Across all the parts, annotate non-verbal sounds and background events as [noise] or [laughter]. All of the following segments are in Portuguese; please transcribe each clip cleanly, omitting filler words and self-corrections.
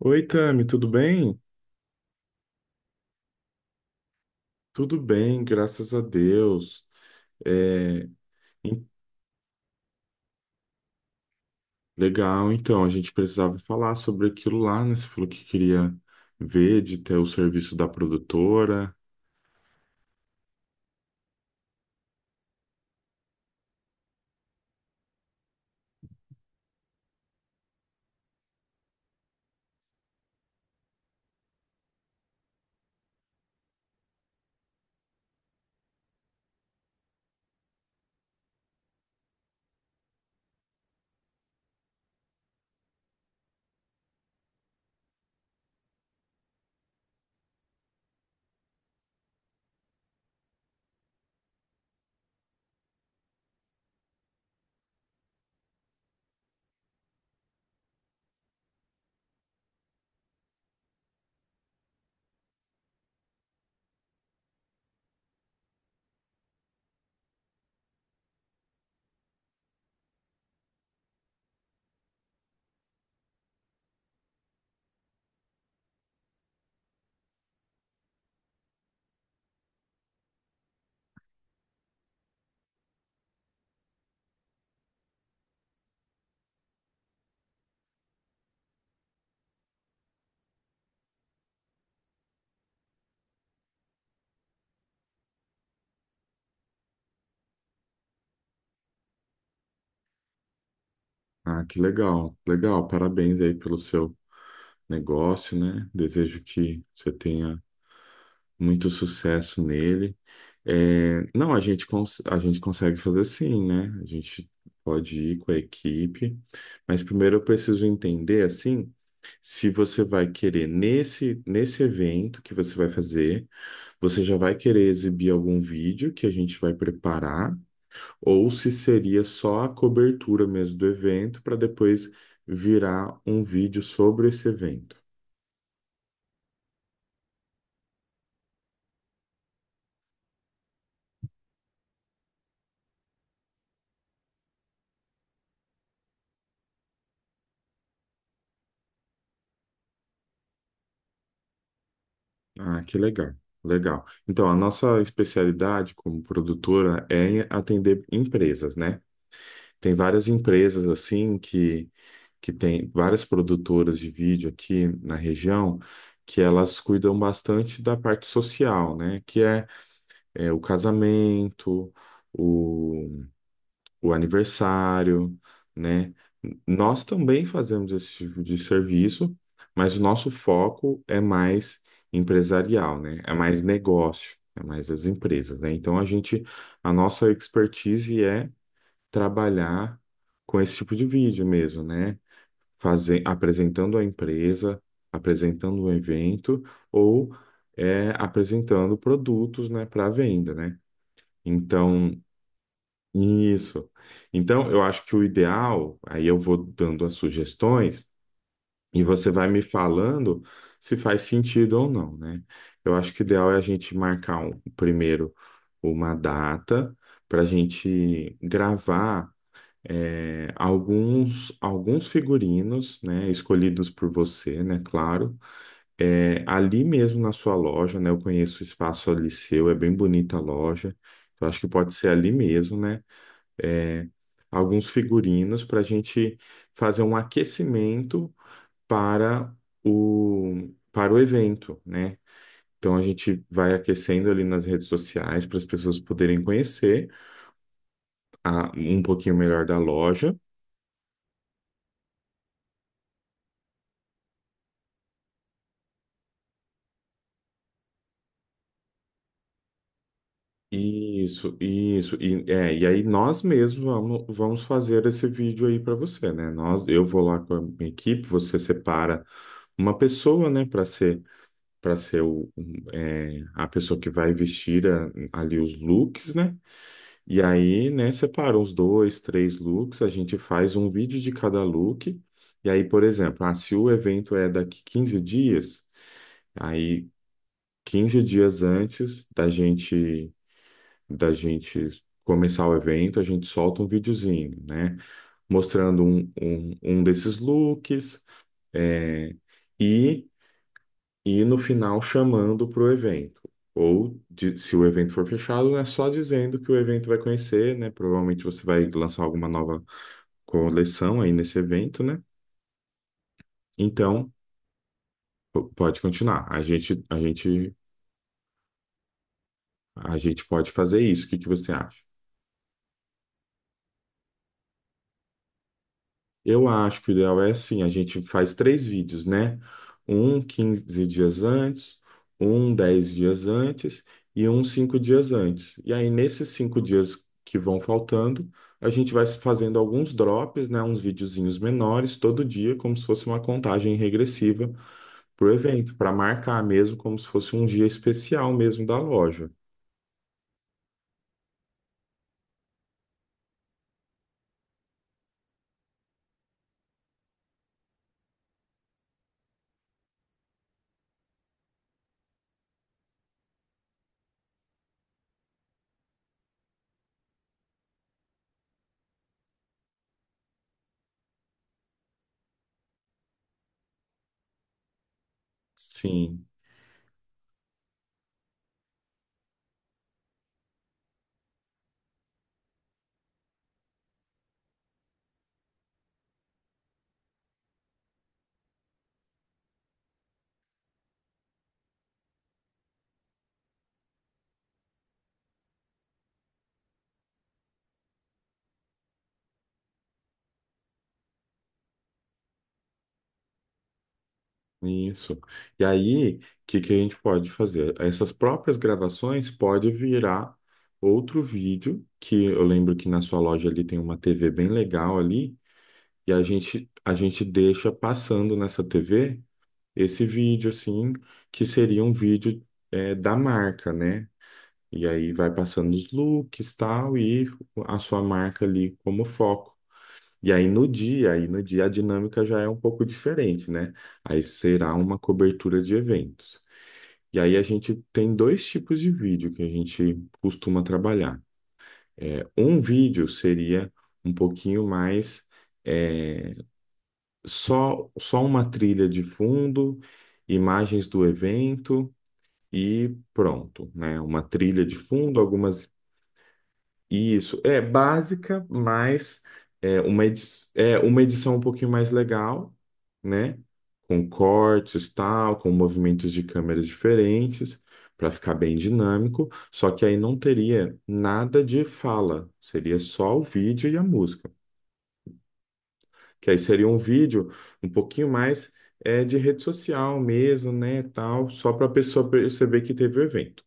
Oi, Tami, tudo bem? Tudo bem, graças a Deus. É, em- legal, então, a gente precisava falar sobre aquilo lá, né? Você falou que queria ver de ter o serviço da produtora. Ah, que legal, legal. Parabéns aí pelo seu negócio, né? Desejo que você tenha muito sucesso nele. É, não, a gente consegue fazer, sim, né? A gente pode ir com a equipe, mas primeiro eu preciso entender, assim, se você vai querer, nesse evento que você vai fazer, você já vai querer exibir algum vídeo que a gente vai preparar, ou se seria só a cobertura mesmo do evento, para depois virar um vídeo sobre esse evento. Ah, que legal, legal. Então, a nossa especialidade como produtora é atender empresas, né? Tem várias empresas assim que tem várias produtoras de vídeo aqui na região que elas cuidam bastante da parte social, né? O casamento, o aniversário, né? Nós também fazemos esse tipo de serviço, mas o nosso foco é mais empresarial, né? É mais negócio, é mais as empresas, né? Então a gente, a nossa expertise é trabalhar com esse tipo de vídeo mesmo, né? Fazer, apresentando a empresa, apresentando o evento ou apresentando produtos, né, para venda, né? Então isso. Então, eu acho que o ideal, aí eu vou dando as sugestões e você vai me falando se faz sentido ou não, né? Eu acho que o ideal é a gente marcar um, primeiro uma data para a gente gravar alguns figurinos, né? Escolhidos por você, né? Claro. É, ali mesmo na sua loja, né? Eu conheço o espaço ali seu, é bem bonita a loja. Eu acho que pode ser ali mesmo, né? é, alguns figurinos para a gente fazer um aquecimento para o, para o evento, né? Então a gente vai aquecendo ali nas redes sociais para as pessoas poderem conhecer um pouquinho melhor da loja. Isso, e aí nós mesmos vamos, vamos fazer esse vídeo aí para você, né? Nós, eu vou lá com a minha equipe, você separa uma pessoa, né, para para ser a pessoa que vai vestir ali os looks, né? E aí, né, separa os dois, três looks, a gente faz um vídeo de cada look. E aí, por exemplo, ah, se o evento é daqui 15 dias, aí 15 dias antes da gente começar o evento, a gente solta um videozinho, né? Mostrando um desses looks, é, e e no final chamando para o evento. Ou, se o evento for fechado, é só dizendo que o evento vai conhecer, né? Provavelmente você vai lançar alguma nova coleção aí nesse evento, né? Então, pode continuar. A gente pode fazer isso. O que que você acha? Eu acho que o ideal é assim, a gente faz três vídeos, né? Um 15 dias antes, um 10 dias antes e um 5 dias antes. E aí, nesses 5 dias que vão faltando, a gente vai fazendo alguns drops, né? Uns videozinhos menores todo dia, como se fosse uma contagem regressiva para o evento, para marcar mesmo como se fosse um dia especial mesmo da loja. Sim. Isso. E aí, o que que a gente pode fazer? Essas próprias gravações pode virar outro vídeo, que eu lembro que na sua loja ali tem uma TV bem legal ali, e a gente deixa passando nessa TV esse vídeo, assim, que seria um vídeo da marca, né? E aí vai passando os looks, tal, e a sua marca ali como foco. E aí no dia a dinâmica já é um pouco diferente, né? Aí será uma cobertura de eventos. E aí a gente tem dois tipos de vídeo que a gente costuma trabalhar. É, um vídeo seria um pouquinho mais é, só uma trilha de fundo, imagens do evento e pronto, né? Uma trilha de fundo, algumas Isso, é básica, mas é uma, edi é uma edição um pouquinho mais legal, né? Com cortes, tal, com movimentos de câmeras diferentes, para ficar bem dinâmico. Só que aí não teria nada de fala, seria só o vídeo e a música. Que aí seria um vídeo um pouquinho mais de rede social mesmo, né? Tal, só para a pessoa perceber que teve o evento.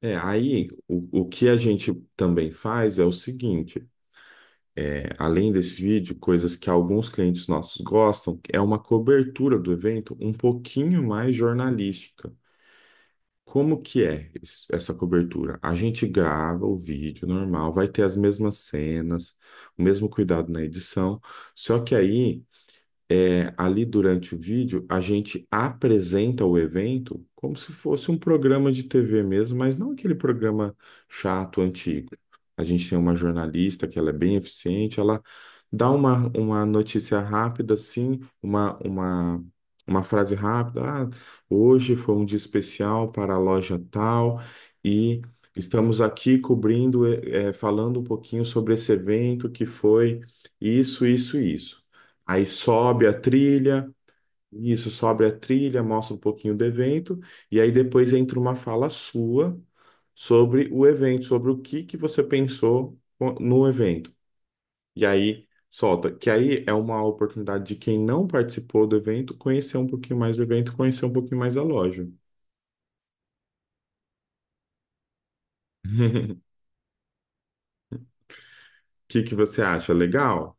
É, aí o que a gente também faz é o seguinte. Além desse vídeo, coisas que alguns clientes nossos gostam, é uma cobertura do evento um pouquinho mais jornalística. Como que é essa cobertura? A gente grava o vídeo normal, vai ter as mesmas cenas, o mesmo cuidado na edição, só que aí ali durante o vídeo, a gente apresenta o evento como se fosse um programa de TV mesmo, mas não aquele programa chato, antigo. A gente tem uma jornalista que ela é bem eficiente, ela dá uma notícia rápida, assim, uma frase rápida. Ah, hoje foi um dia especial para a loja tal e estamos aqui cobrindo, falando um pouquinho sobre esse evento que foi isso, isso, isso. Aí sobe a trilha, isso, sobe a trilha, mostra um pouquinho do evento, e aí depois entra uma fala sua sobre o evento, sobre o que que você pensou no evento. E aí solta, que aí é uma oportunidade de quem não participou do evento conhecer um pouquinho mais do evento, conhecer um pouquinho mais a loja. [laughs] O que que você acha? Legal?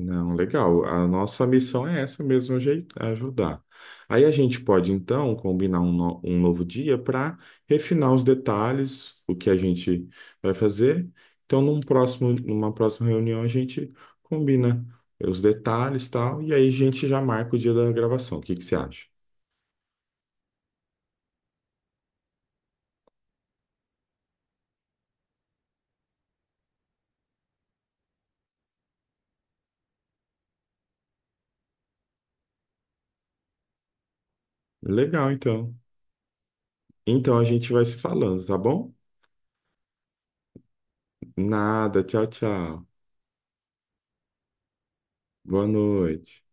Não, legal. A nossa missão é essa mesmo, ajudar. Aí a gente pode, então, combinar um novo dia para refinar os detalhes, o que a gente vai fazer. Então, numa próxima reunião, a gente combina os detalhes e tal, e aí a gente já marca o dia da gravação. O que que você acha? Legal, então. Então, a gente vai se falando, tá bom? Nada, tchau, tchau. Boa noite.